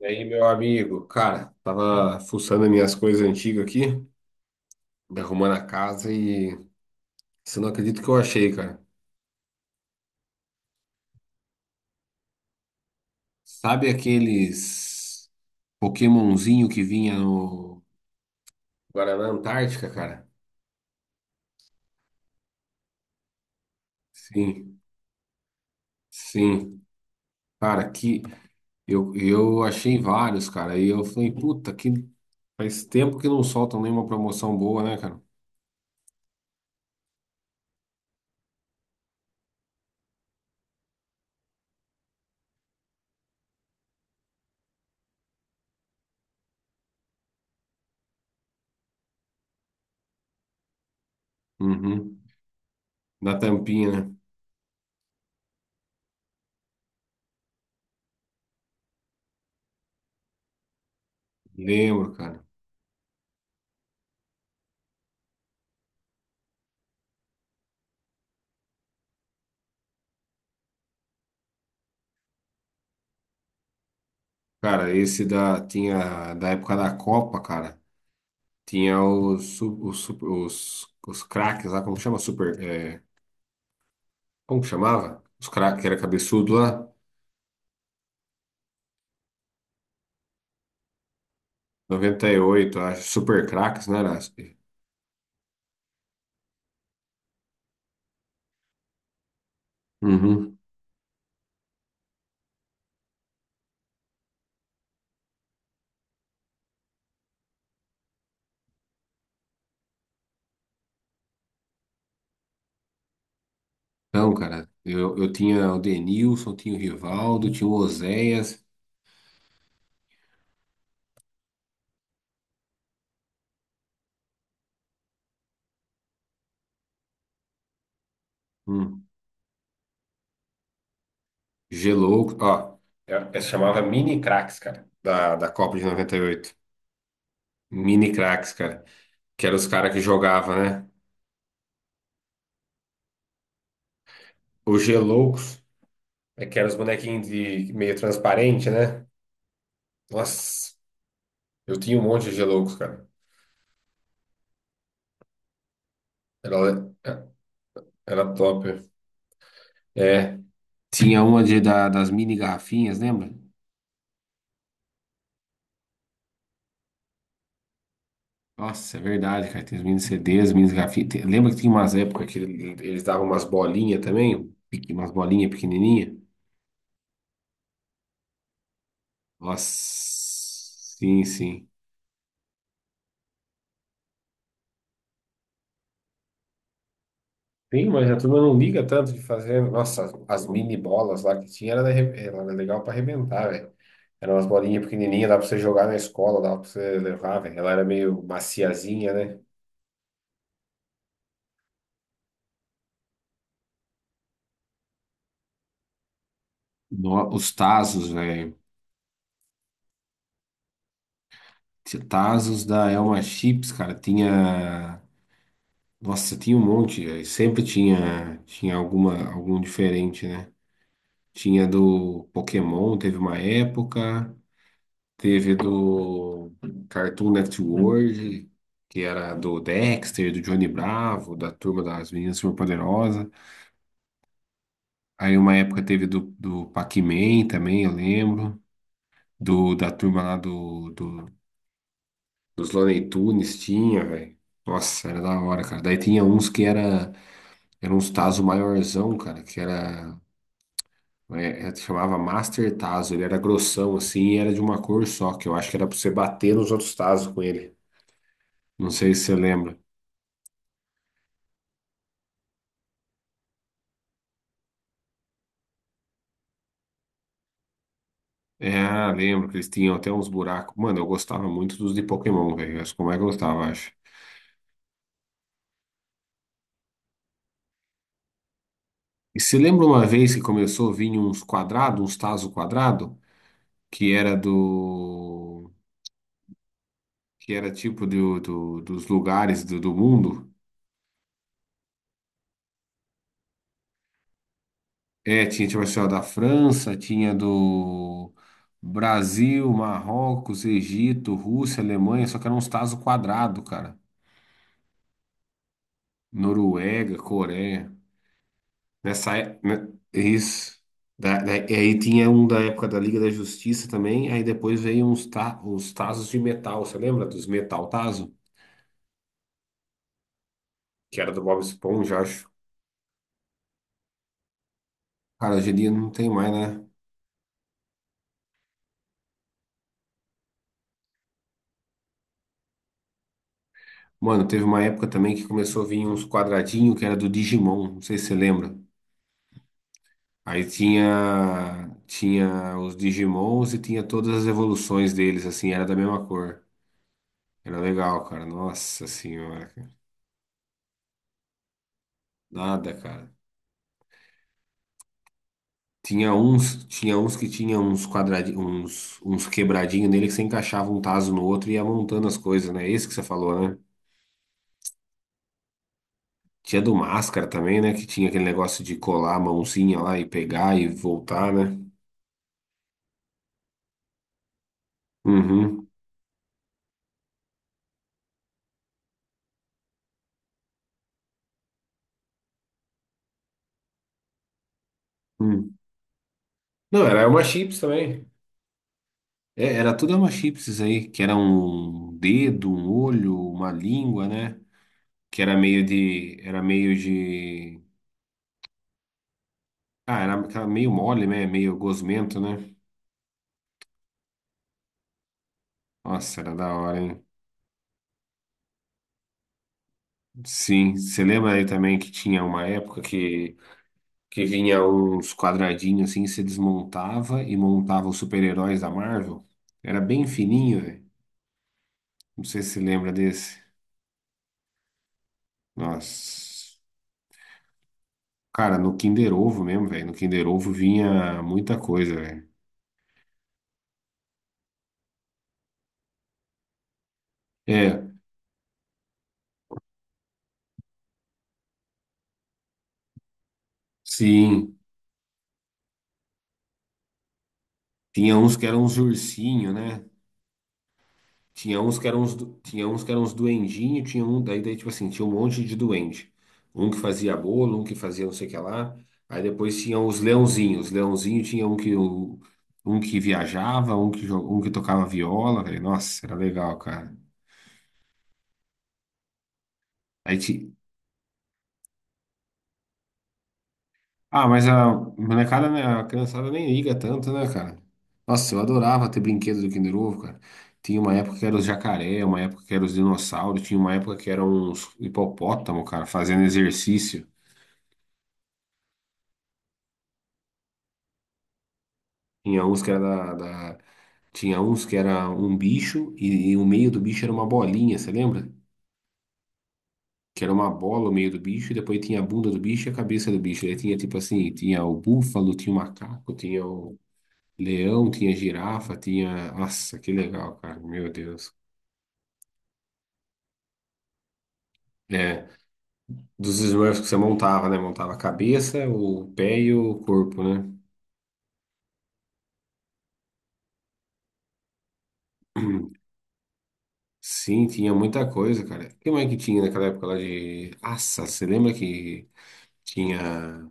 E aí, meu amigo, cara, tava fuçando as minhas coisas antigas aqui, arrumando a casa, e você não acredita o que eu achei, cara. Sabe aqueles Pokémonzinho que vinha no Guaraná Antártica, cara? Sim, sim. Cara, que eu achei vários, cara. E eu falei, puta, que faz tempo que não soltam nenhuma promoção boa, né, cara? Uhum. Na tampinha, né? Lembro, cara. Cara, esse da tinha da época da Copa, cara. Tinha os craques lá, como chama? Super, como que chamava? Os craques, que era cabeçudo lá, 98 acho, super craques, né? Era? Uhum. Então, cara, eu tinha o Denilson, tinha o Rivaldo, tinha o Oséias, hum, Gelouco, ó, chamava mini craques, cara, da, da Copa de 98. Mini craques, cara, que eram os caras que jogavam, né? Os Geloucos, é que eram os bonequinhos de meio transparente, né? Nossa. Eu tinha um monte de Geloucos, cara. Era, era top. É. Tinha uma das mini garrafinhas, lembra? Nossa, é verdade, cara. Tem os mini CDs, mini garrafinhas. Lembra que tinha umas épocas que eles davam umas bolinhas também? Pequ- Umas bolinhas pequenininhas? Nossa, sim, sim. Sim, mas a turma não liga tanto de fazer. Nossa, as mini bolas lá que tinha era, era legal pra arrebentar, velho. Eram umas bolinhas pequenininhas, dava pra você jogar na escola, dava pra você levar, velho. Ela era meio maciazinha, né? Os Tazos, velho. Tinha Tazos da Elma Chips, cara, tinha. Nossa, tinha um monte, velho. Sempre tinha alguma, algum diferente, né? Tinha do Pokémon, teve uma época. Teve do Cartoon Network, que era do Dexter, do Johnny Bravo, da Turma das Meninas Superpoderosas. Aí uma época teve do, do Pac-Man também, eu lembro. Da turma lá do, do Dos Looney Tunes tinha, velho. Nossa, era da hora, cara. Daí tinha uns que era uns Tazo maiorzão, cara, que era, chamava Master Tazo. Ele era grossão, assim, e era de uma cor só, que eu acho que era pra você bater nos outros Tazo com ele. Não sei se você lembra. É, ah, lembro que eles tinham até uns buracos. Mano, eu gostava muito dos de Pokémon, velho. Acho que como é que eu gostava, acho. E se lembra uma vez que começou a vir uns quadrados, uns Tazo quadrado, que era do que era tipo dos lugares do mundo. É, tinha tipo assim, ó, da França, tinha do Brasil, Marrocos, Egito, Rússia, Alemanha, só que eram uns tazos quadrados, cara. Noruega, Coreia. Nessa, né, isso. E aí tinha um da época da Liga da Justiça também, aí depois veio uns tazos de metal, você lembra dos metal tazo? Que era do Bob Esponja, acho. Cara, hoje em dia não tem mais, né? Mano, teve uma época também que começou a vir uns quadradinhos que era do Digimon, não sei se você lembra. Aí tinha os Digimons e tinha todas as evoluções deles, assim, era da mesma cor. Era legal, cara. Nossa senhora, cara. Nada, cara. Tinha uns que tinha uns quadradinhos, uns quebradinhos nele que você encaixava um taso no outro e ia montando as coisas, né? Esse que você falou, né? Tinha do Máscara também, né? Que tinha aquele negócio de colar a mãozinha lá e pegar e voltar, né? Uhum. Uhum. Não, era uma chips também. É, era tudo uma chips aí, que era um dedo, um olho, uma língua, né? Que era aquela meio mole, né? Meio gosmento, né? Nossa, era da hora, hein? Sim, você lembra aí também que tinha uma época que vinha uns quadradinhos assim, você desmontava e montava os super-heróis da Marvel? Era bem fininho, velho. Não sei se você lembra desse. Nossa. Cara, no Kinder Ovo mesmo, velho. No Kinder Ovo vinha muita coisa, velho. É, sim. Tinha uns que eram uns ursinho, né? Tinha uns que eram uns, du- tinha uns que eram uns duendinho, tinha um, daí, tipo assim, tinha um monte de duende. Um que fazia bolo, um que fazia não sei o que lá. Aí depois tinha os leãozinhos. Os leãozinhos tinha um que, um que viajava, um que, um que tocava viola, velho. Nossa, era legal, cara. Aí, ti- Ah, mas a molecada, né? A criançada nem liga tanto, né, cara? Nossa, eu adorava ter brinquedo do Kinder Ovo, cara. Tinha uma época que era os jacaré, uma época que era os dinossauros, tinha uma época que era uns hipopótamo, cara, fazendo exercício. Tinha uns que era da, da- Tinha uns que era um bicho e o meio do bicho era uma bolinha, você lembra? Que era uma bola o meio do bicho, e depois tinha a bunda do bicho e a cabeça do bicho. Aí tinha tipo assim, tinha o búfalo, tinha o macaco, tinha o leão, tinha girafa, tinha. Nossa, que legal, cara. Meu Deus. É, dos Smurfs que você montava, né? Montava a cabeça, o pé e o corpo, né? Sim, tinha muita coisa, cara. O que mais que tinha naquela época lá de. Nossa, você lembra que tinha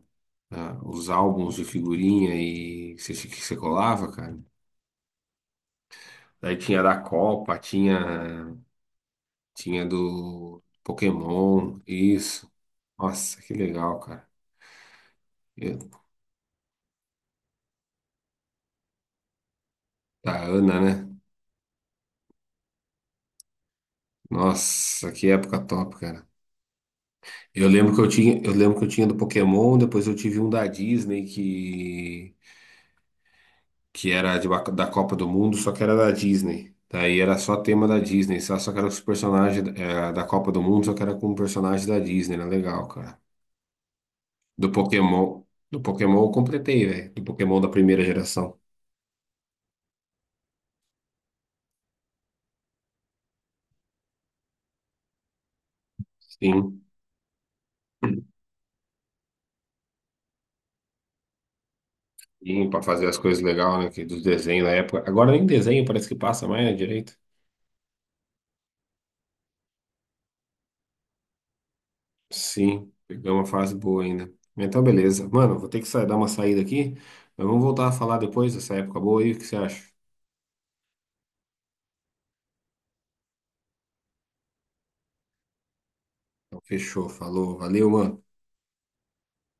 os álbuns de figurinha e que você colava, cara? Daí tinha da Copa, tinha, tinha do Pokémon, isso. Nossa, que legal, cara. Eu- da Ana, né? Nossa, que época top, cara. Eu lembro que eu tinha do Pokémon, depois eu tive um da Disney que da Copa do Mundo, só que era da Disney. Daí era só tema da Disney, só que era os personagens da Copa do Mundo, só que era com personagens da Disney, era legal, cara. Do Pokémon, do Pokémon eu completei, velho. Do Pokémon da primeira geração. Sim. Sim, pra fazer as coisas legais, né? Que dos desenhos da época. Agora nem desenho parece que passa mais, né, direito. Sim, pegou uma fase boa ainda. Então, beleza. Mano, vou ter que sair, dar uma saída aqui, mas vamos voltar a falar depois dessa época boa aí, o que você acha? Então, fechou, falou, valeu, mano.